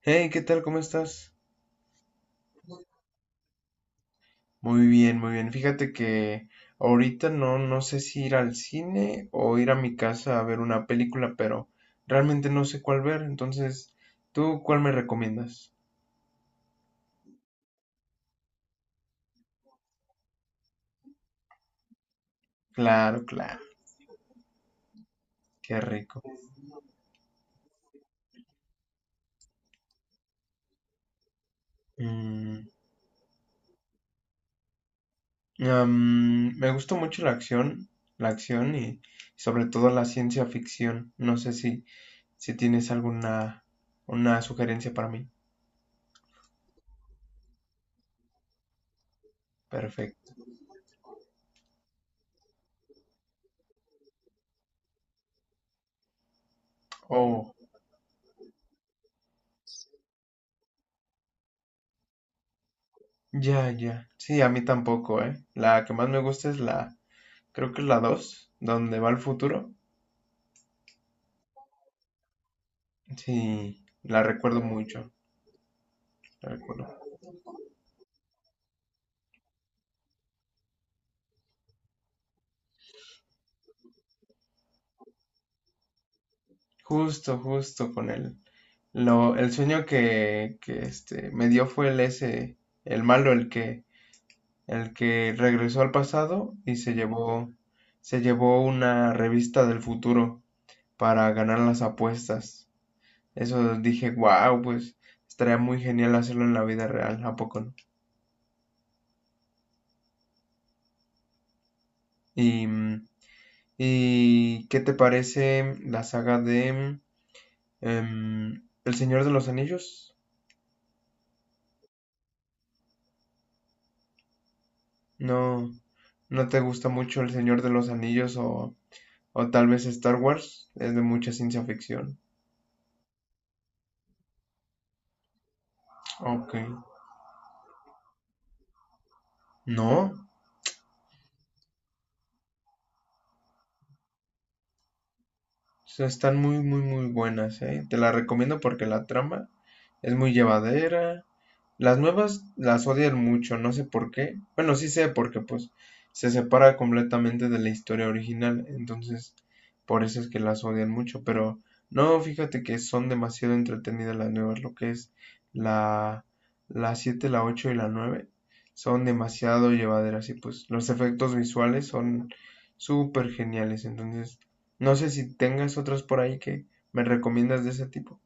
Hey, ¿qué tal? ¿Cómo estás? Muy bien, muy bien. Fíjate que ahorita no, no sé si ir al cine o ir a mi casa a ver una película, pero realmente no sé cuál ver. Entonces, ¿tú cuál me recomiendas? Claro, claro. Qué rico. Mm, Me gusta mucho la acción y sobre todo la ciencia ficción. No sé si tienes alguna una sugerencia para mí. Perfecto. Oh. Ya, ya. Sí, a mí tampoco, ¿eh? La que más me gusta es la, creo que es la dos donde va el futuro. Sí, la recuerdo mucho, la recuerdo. Justo, justo con él. El sueño que me dio fue el ese, el malo, el que regresó al pasado y se llevó una revista del futuro para ganar las apuestas. Eso dije, wow, pues estaría muy genial hacerlo en la vida real, ¿a poco no? Y, mm, ¿Y qué te parece la saga de El Señor de los Anillos? ¿No, no te gusta mucho El Señor de los Anillos o tal vez Star Wars? Es de mucha ciencia ficción. Ok. No, están muy, muy, muy buenas, ¿eh? Te la recomiendo porque la trama es muy llevadera. Las nuevas las odian mucho, no sé por qué. Bueno, sí sé porque pues se separa completamente de la historia original, entonces por eso es que las odian mucho, pero no, fíjate que son demasiado entretenidas las nuevas, lo que es la la 7 la 8 y la 9 son demasiado llevaderas y pues los efectos visuales son súper geniales, entonces no sé si tengas otras por ahí que me recomiendas de ese tipo.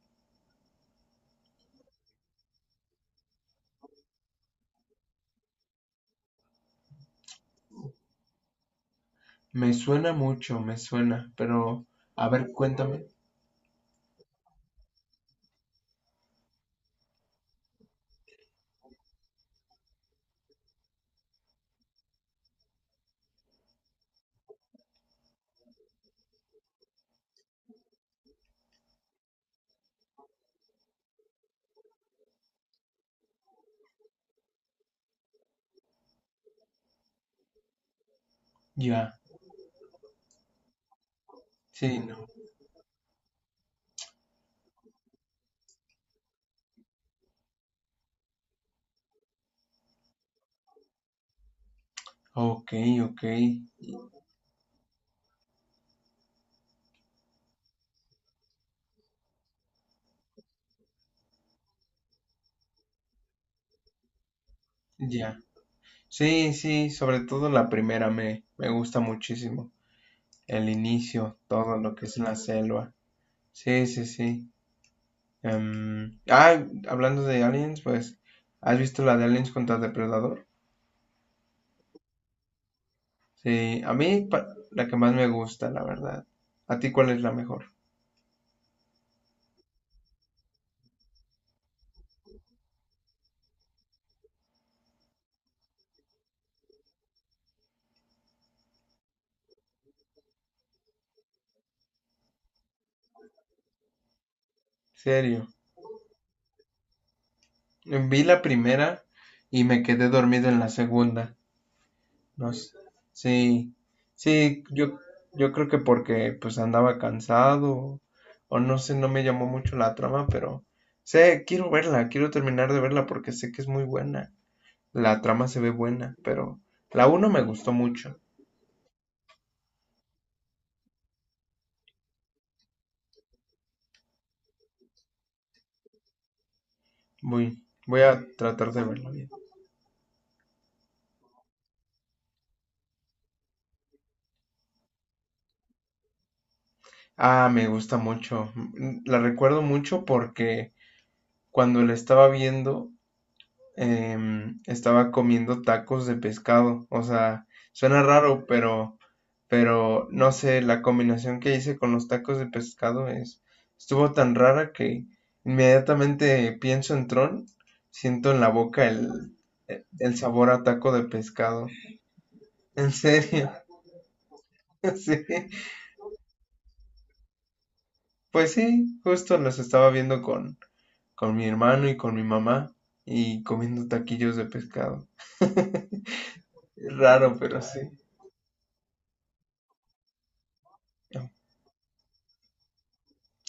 Me suena mucho, me suena, pero a ver, cuéntame. Ya, sí, no. Ok, ok, ya. Sí, sí, sobre todo la primera me gusta muchísimo. El inicio, todo lo que es la selva. Sí, sí, sí. Ah, hablando de Aliens, pues, ¿has visto la de Aliens contra Depredador? Sí, a mí la que más me gusta, la verdad. ¿A ti cuál es la mejor? Serio. Vi la primera y me quedé dormido en la segunda. No s- Sí, sí, yo creo que porque pues andaba cansado o, no sé, no me llamó mucho la trama, pero sé, quiero verla, quiero terminar de verla porque sé que es muy buena. La trama se ve buena, pero la uno me gustó mucho. Voy, voy a tratar de verla bien. Ah, me gusta mucho. La recuerdo mucho porque cuando la estaba viendo estaba comiendo tacos de pescado. O sea, suena raro, pero no sé, la combinación que hice con los tacos de pescado es, estuvo tan rara que inmediatamente pienso en Tron, siento en la boca el, el sabor a taco de pescado. En serio, sí. Pues sí, justo los estaba viendo con mi hermano y con mi mamá y comiendo taquillos de pescado. Raro, pero sí.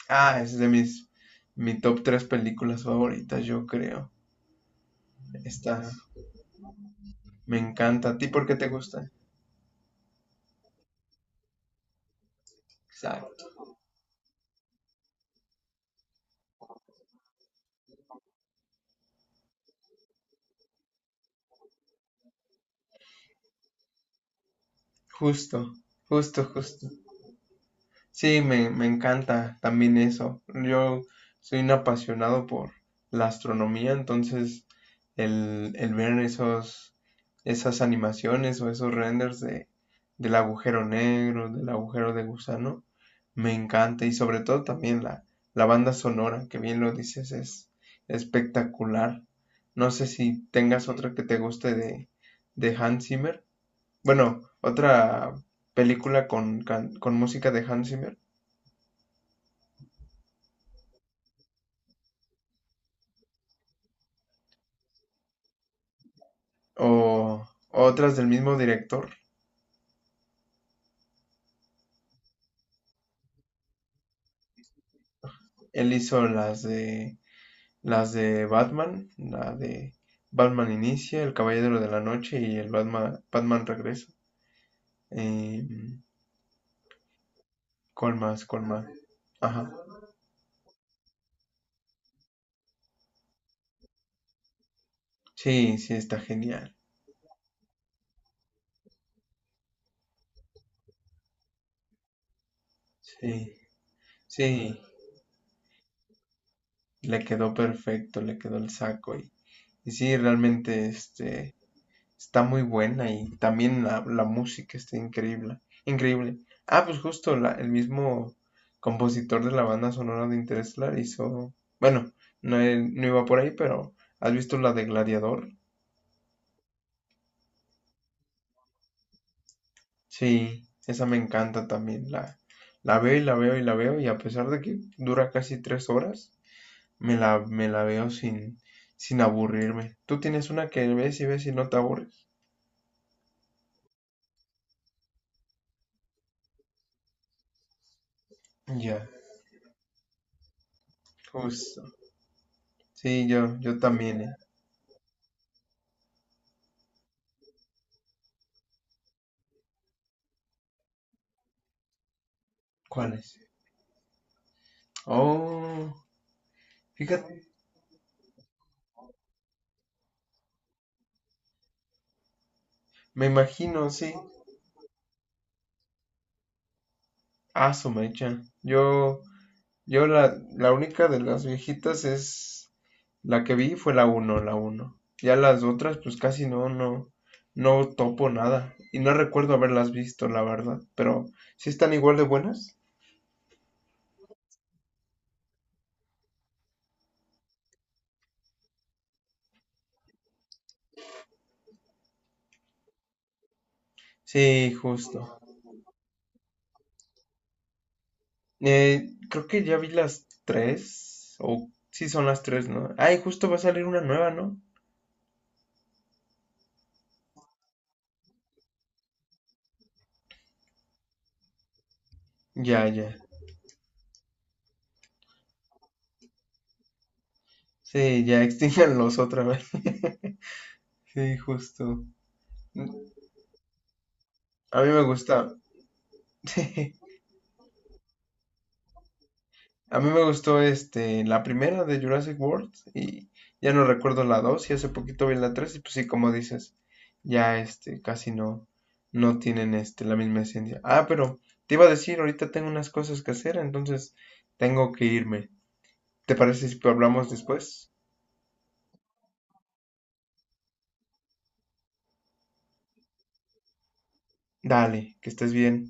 Ah, es de mis mi top tres películas favoritas, yo creo. Esta me encanta. ¿A ti por qué te gusta? Exacto. Justo, justo, justo. Sí, me encanta también eso. Yo soy un apasionado por la astronomía, entonces el ver esas animaciones o esos renders del agujero negro, del agujero de gusano, me encanta. Y sobre todo también la banda sonora, que bien lo dices, es espectacular. No sé si tengas otra que te guste de Hans Zimmer. Bueno, otra película con música de Hans Zimmer. O otras del mismo director. Él hizo las de Batman, la de Batman Inicia, El Caballero de la Noche y el Batman Regresa. Eh, ¿Cuál más? ¿Cuál más? Ajá. Sí, sí, está genial. Sí, sí. Le quedó perfecto, le quedó el saco. Y sí, realmente, está muy buena y también la música está increíble. Increíble. Ah, pues justo el mismo compositor de la banda sonora de Interstellar hizo. Bueno, no, no iba por ahí, pero ¿has visto la de Gladiador? Sí, esa me encanta también. La veo y la veo y la veo, y a pesar de que dura casi 3 horas, me la veo sin aburrirme. ¿Tú tienes una que ves y ves y no te aburres? Ya, justo. Sí, yo también, ¿eh? ¿Cuál es? Oh, fíjate, me imagino, sí. Ah, su mecha. Yo la única de las viejitas es la que vi fue la uno. Ya las otras, pues casi no, no, no topo nada. Y no recuerdo haberlas visto, la verdad. Pero, ¿sí están igual de buenas? Sí, justo. Creo que ya vi las tres. O sí son las tres, ¿no? Ay, justo va a salir una nueva, ¿no? Ya, ya. Sí, ya extinganlos otra vez. Sí, justo. A mí me gusta. A mí me gustó la primera de Jurassic World y ya no recuerdo la 2 y hace poquito vi la 3 y pues sí, como dices, ya casi no, no tienen la misma esencia. Ah, pero te iba a decir, ahorita tengo unas cosas que hacer, entonces tengo que irme. ¿Te parece si hablamos después? Dale, que estés bien.